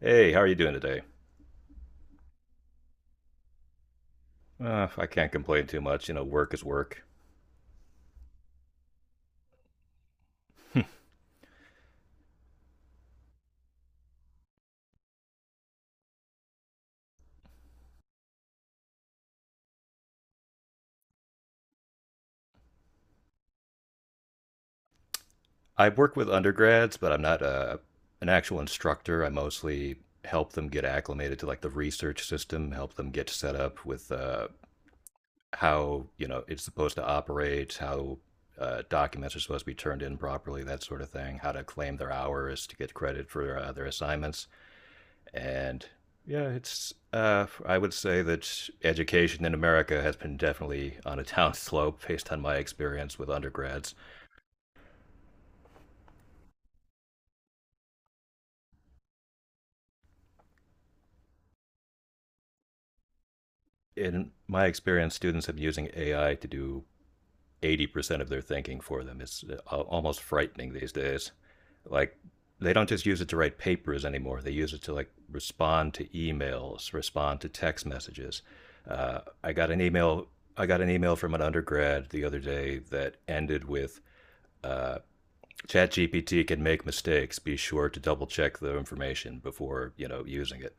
Hey, how are you doing today? I can't complain too much. You know, work is work. I work with undergrads, but I'm not an actual instructor. I mostly help them get acclimated to like the research system, help them get set up with how, you know, it's supposed to operate, how documents are supposed to be turned in properly, that sort of thing, how to claim their hours to get credit for their assignments. And yeah, it's I would say that education in America has been definitely on a down slope based on my experience with undergrads. In my experience, students have been using AI to do 80% of their thinking for them. It's almost frightening these days. Like they don't just use it to write papers anymore. They use it to like respond to emails, respond to text messages. I got an email. I got an email from an undergrad the other day that ended with. Uh, ChatGPT can make mistakes. Be sure to double check the information before using it.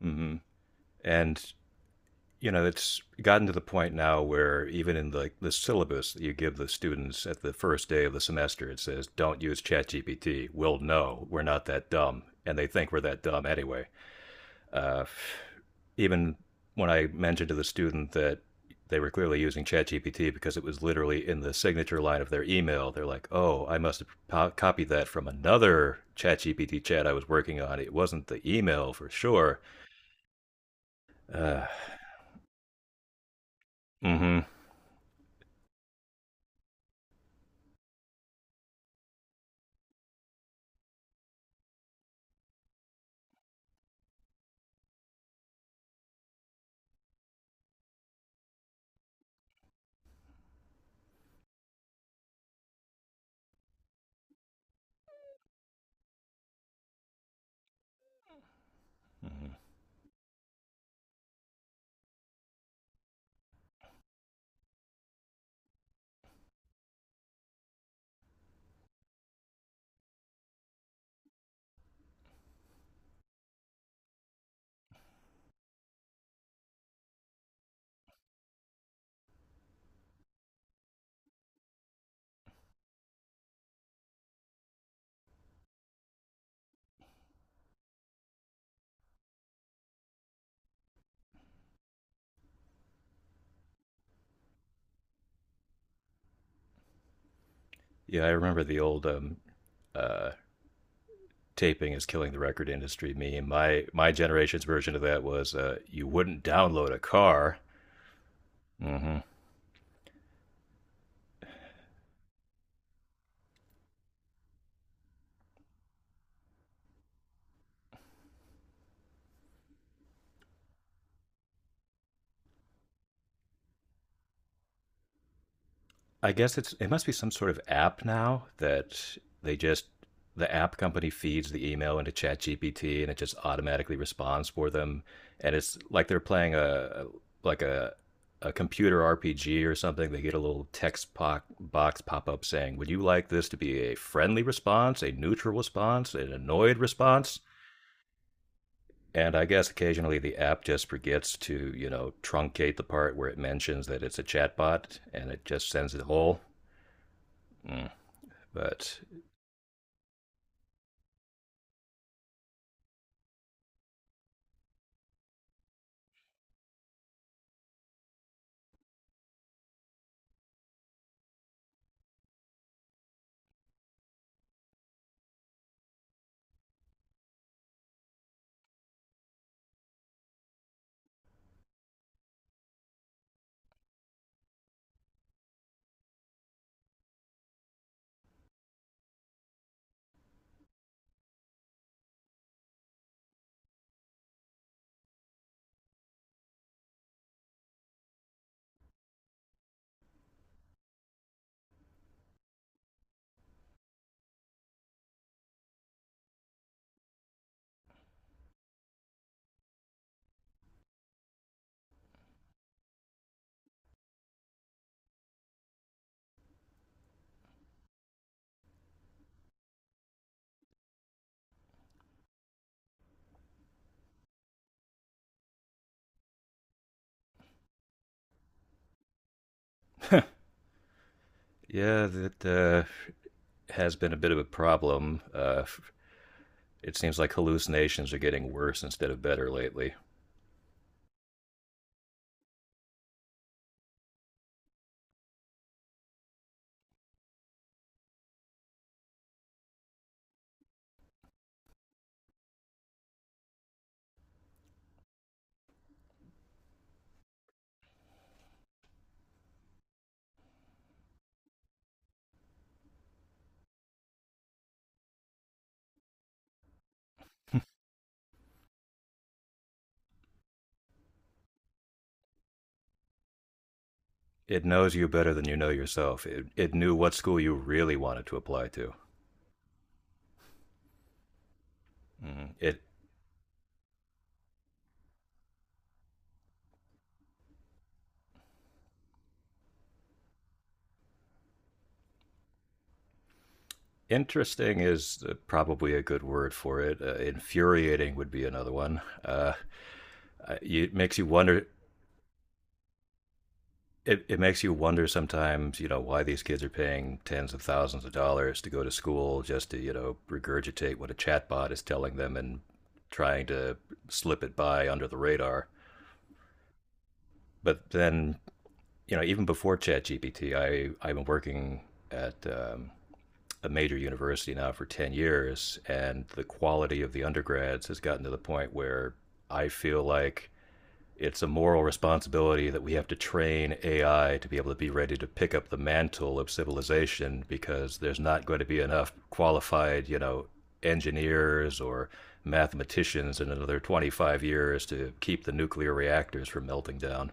Hmm. And you know, it's gotten to the point now where even in the syllabus that you give the students at the first day of the semester, it says, "Don't use ChatGPT. We'll know we're not that dumb," and they think we're that dumb anyway. uh, even when I mentioned to the student that they were clearly using ChatGPT because it was literally in the signature line of their email, they're like, "Oh, I must have copied that from another ChatGPT chat I was working on. It wasn't the email for sure." Uh, mm-hmm. hmm Yeah, I remember the old uh, "taping is killing the record industry" meme. My generation's version of that was, "You wouldn't download a car." Mm-hmm. I guess it must be some sort of app now that they just the app company feeds the email into ChatGPT and it just automatically responds for them, and it's like they're playing a like a computer RPG or something. They get a little text box pop up saying, "Would you like this to be a friendly response, a neutral response, an annoyed response?" And I guess occasionally the app just forgets to, you know, truncate the part where it mentions that it's a chatbot and it just sends it whole. But yeah, that has been a bit of a problem. It seems like hallucinations are getting worse instead of better lately. It knows you better than you know yourself. It knew what school you really wanted to apply to. Mm. It Interesting is probably a good word for it. Infuriating would be another one. It makes you wonder it makes you wonder sometimes, you know, why these kids are paying tens of thousands of dollars to go to school just to, you know, regurgitate what a chatbot is telling them and trying to slip it by under the radar. But then, you know, even before ChatGPT, I've been working at a major university now for 10 years, and the quality of the undergrads has gotten to the point where I feel like it's a moral responsibility that we have to train AI to be able to be ready to pick up the mantle of civilization because there's not going to be enough qualified, you know, engineers or mathematicians in another 25 years to keep the nuclear reactors from melting down.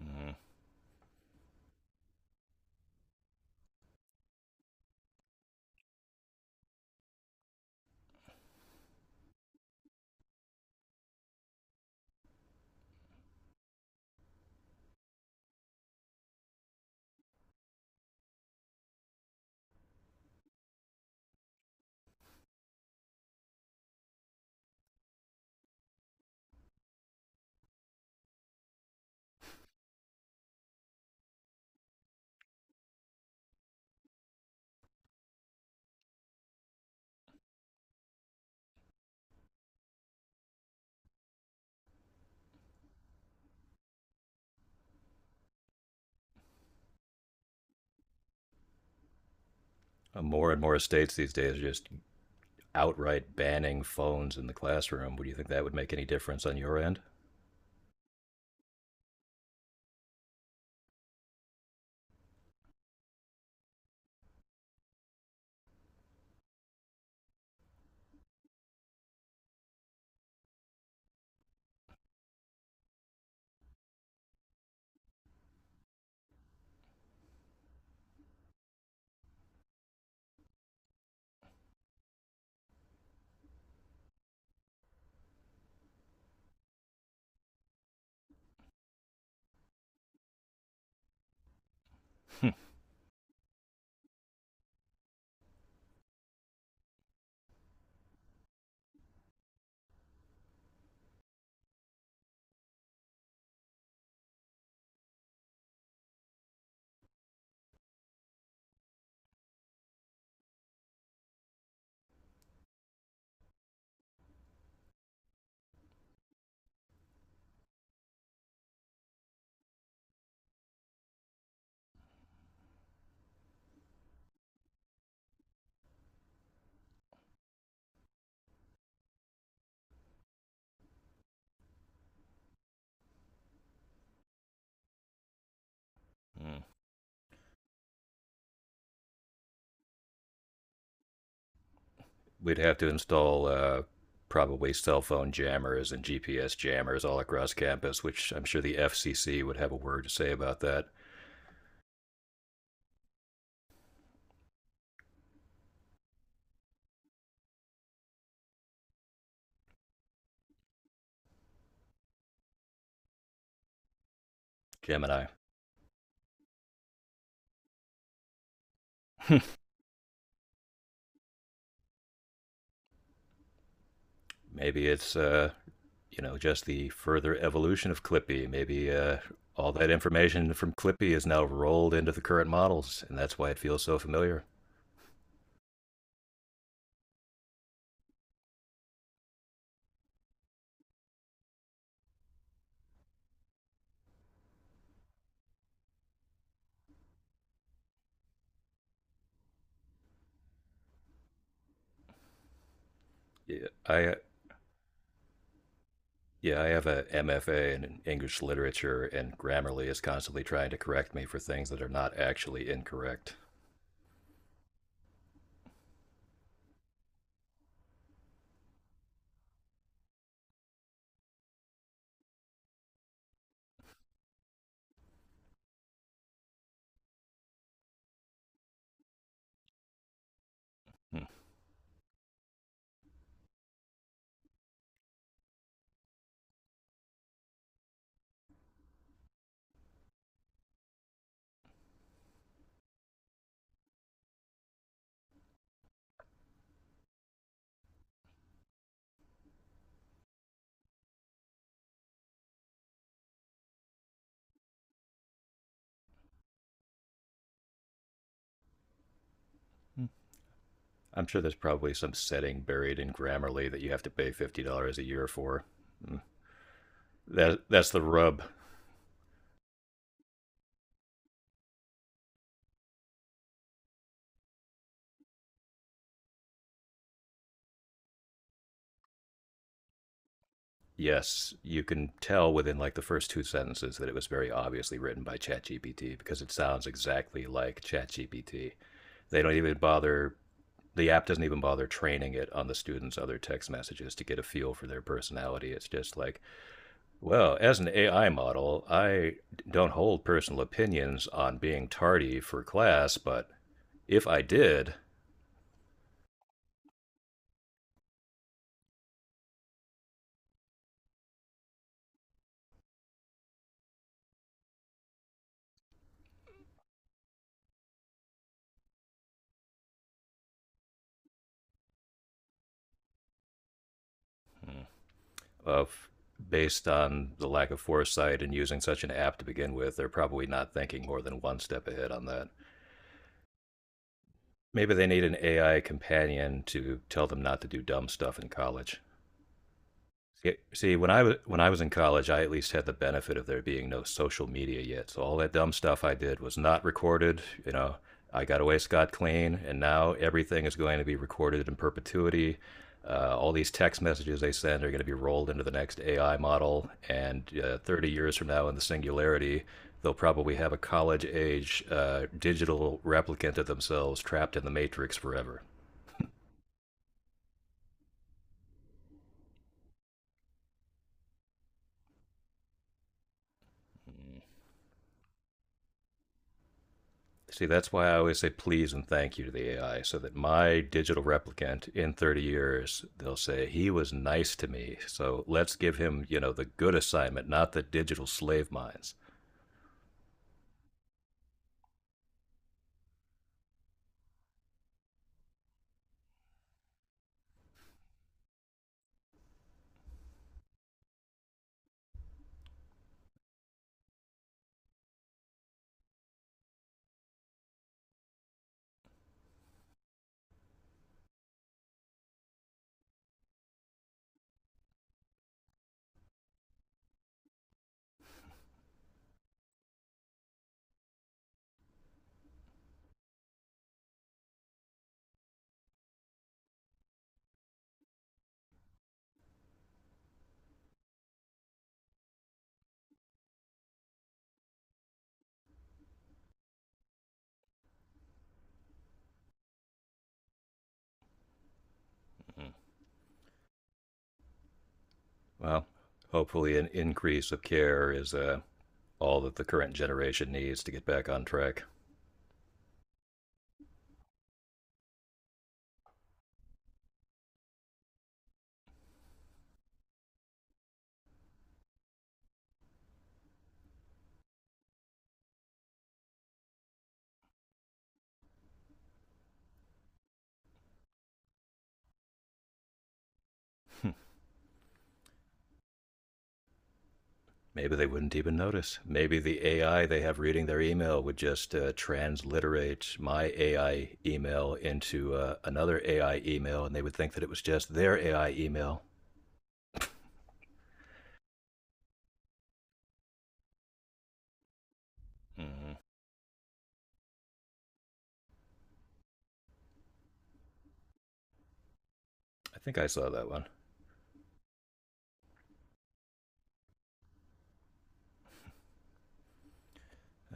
Mm. More and more states these days are just outright banning phones in the classroom. Would you think that would make any difference on your end? Hmm. We'd have to install probably cell phone jammers and GPS jammers all across campus, which I'm sure the FCC would have a word to say about that. Gemini. Maybe it's you know just the further evolution of Clippy. Maybe all that information from Clippy is now rolled into the current models, and that's why it feels so familiar. Yeah, I yeah I have a MFA in English literature, and Grammarly is constantly trying to correct me for things that are not actually incorrect. Hmm. I'm sure there's probably some setting buried in Grammarly that you have to pay $50 a year for. Hmm. That's the rub. Yes, you can tell within like the first two sentences that it was very obviously written by ChatGPT because it sounds exactly like ChatGPT. They don't even bother, the app doesn't even bother training it on the students' other text messages to get a feel for their personality. It's just like, well, as an AI model, I don't hold personal opinions on being tardy for class, but if I did, of based on the lack of foresight and using such an app to begin with, they're probably not thinking more than one step ahead on that. Maybe they need an AI companion to tell them not to do dumb stuff in college. See, see, when I was in college, I at least had the benefit of there being no social media yet. So all that dumb stuff I did was not recorded. You know, I got away scot clean, and now everything is going to be recorded in perpetuity. All these text messages they send are going to be rolled into the next AI model, and 30 years from now, in the singularity, they'll probably have a college age digital replicant of themselves trapped in the matrix forever. See, that's why I always say please and thank you to the AI, so that my digital replicant in 30 years, they'll say, he was nice to me. So let's give him, you know, the good assignment, not the digital slave mines. Mm-hmm. Well, hopefully, an increase of care is all that the current generation needs to get back on track. Maybe they wouldn't even notice. Maybe the AI they have reading their email would just transliterate my AI email into another AI email, and they would think that it was just their AI email. Hmm. I think I saw that one.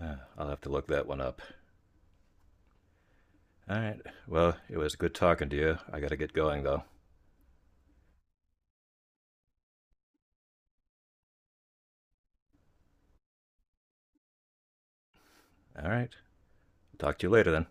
I'll have to look that one up. All right. Well, it was good talking to you. I got to get going, though. All right. Talk to you later then.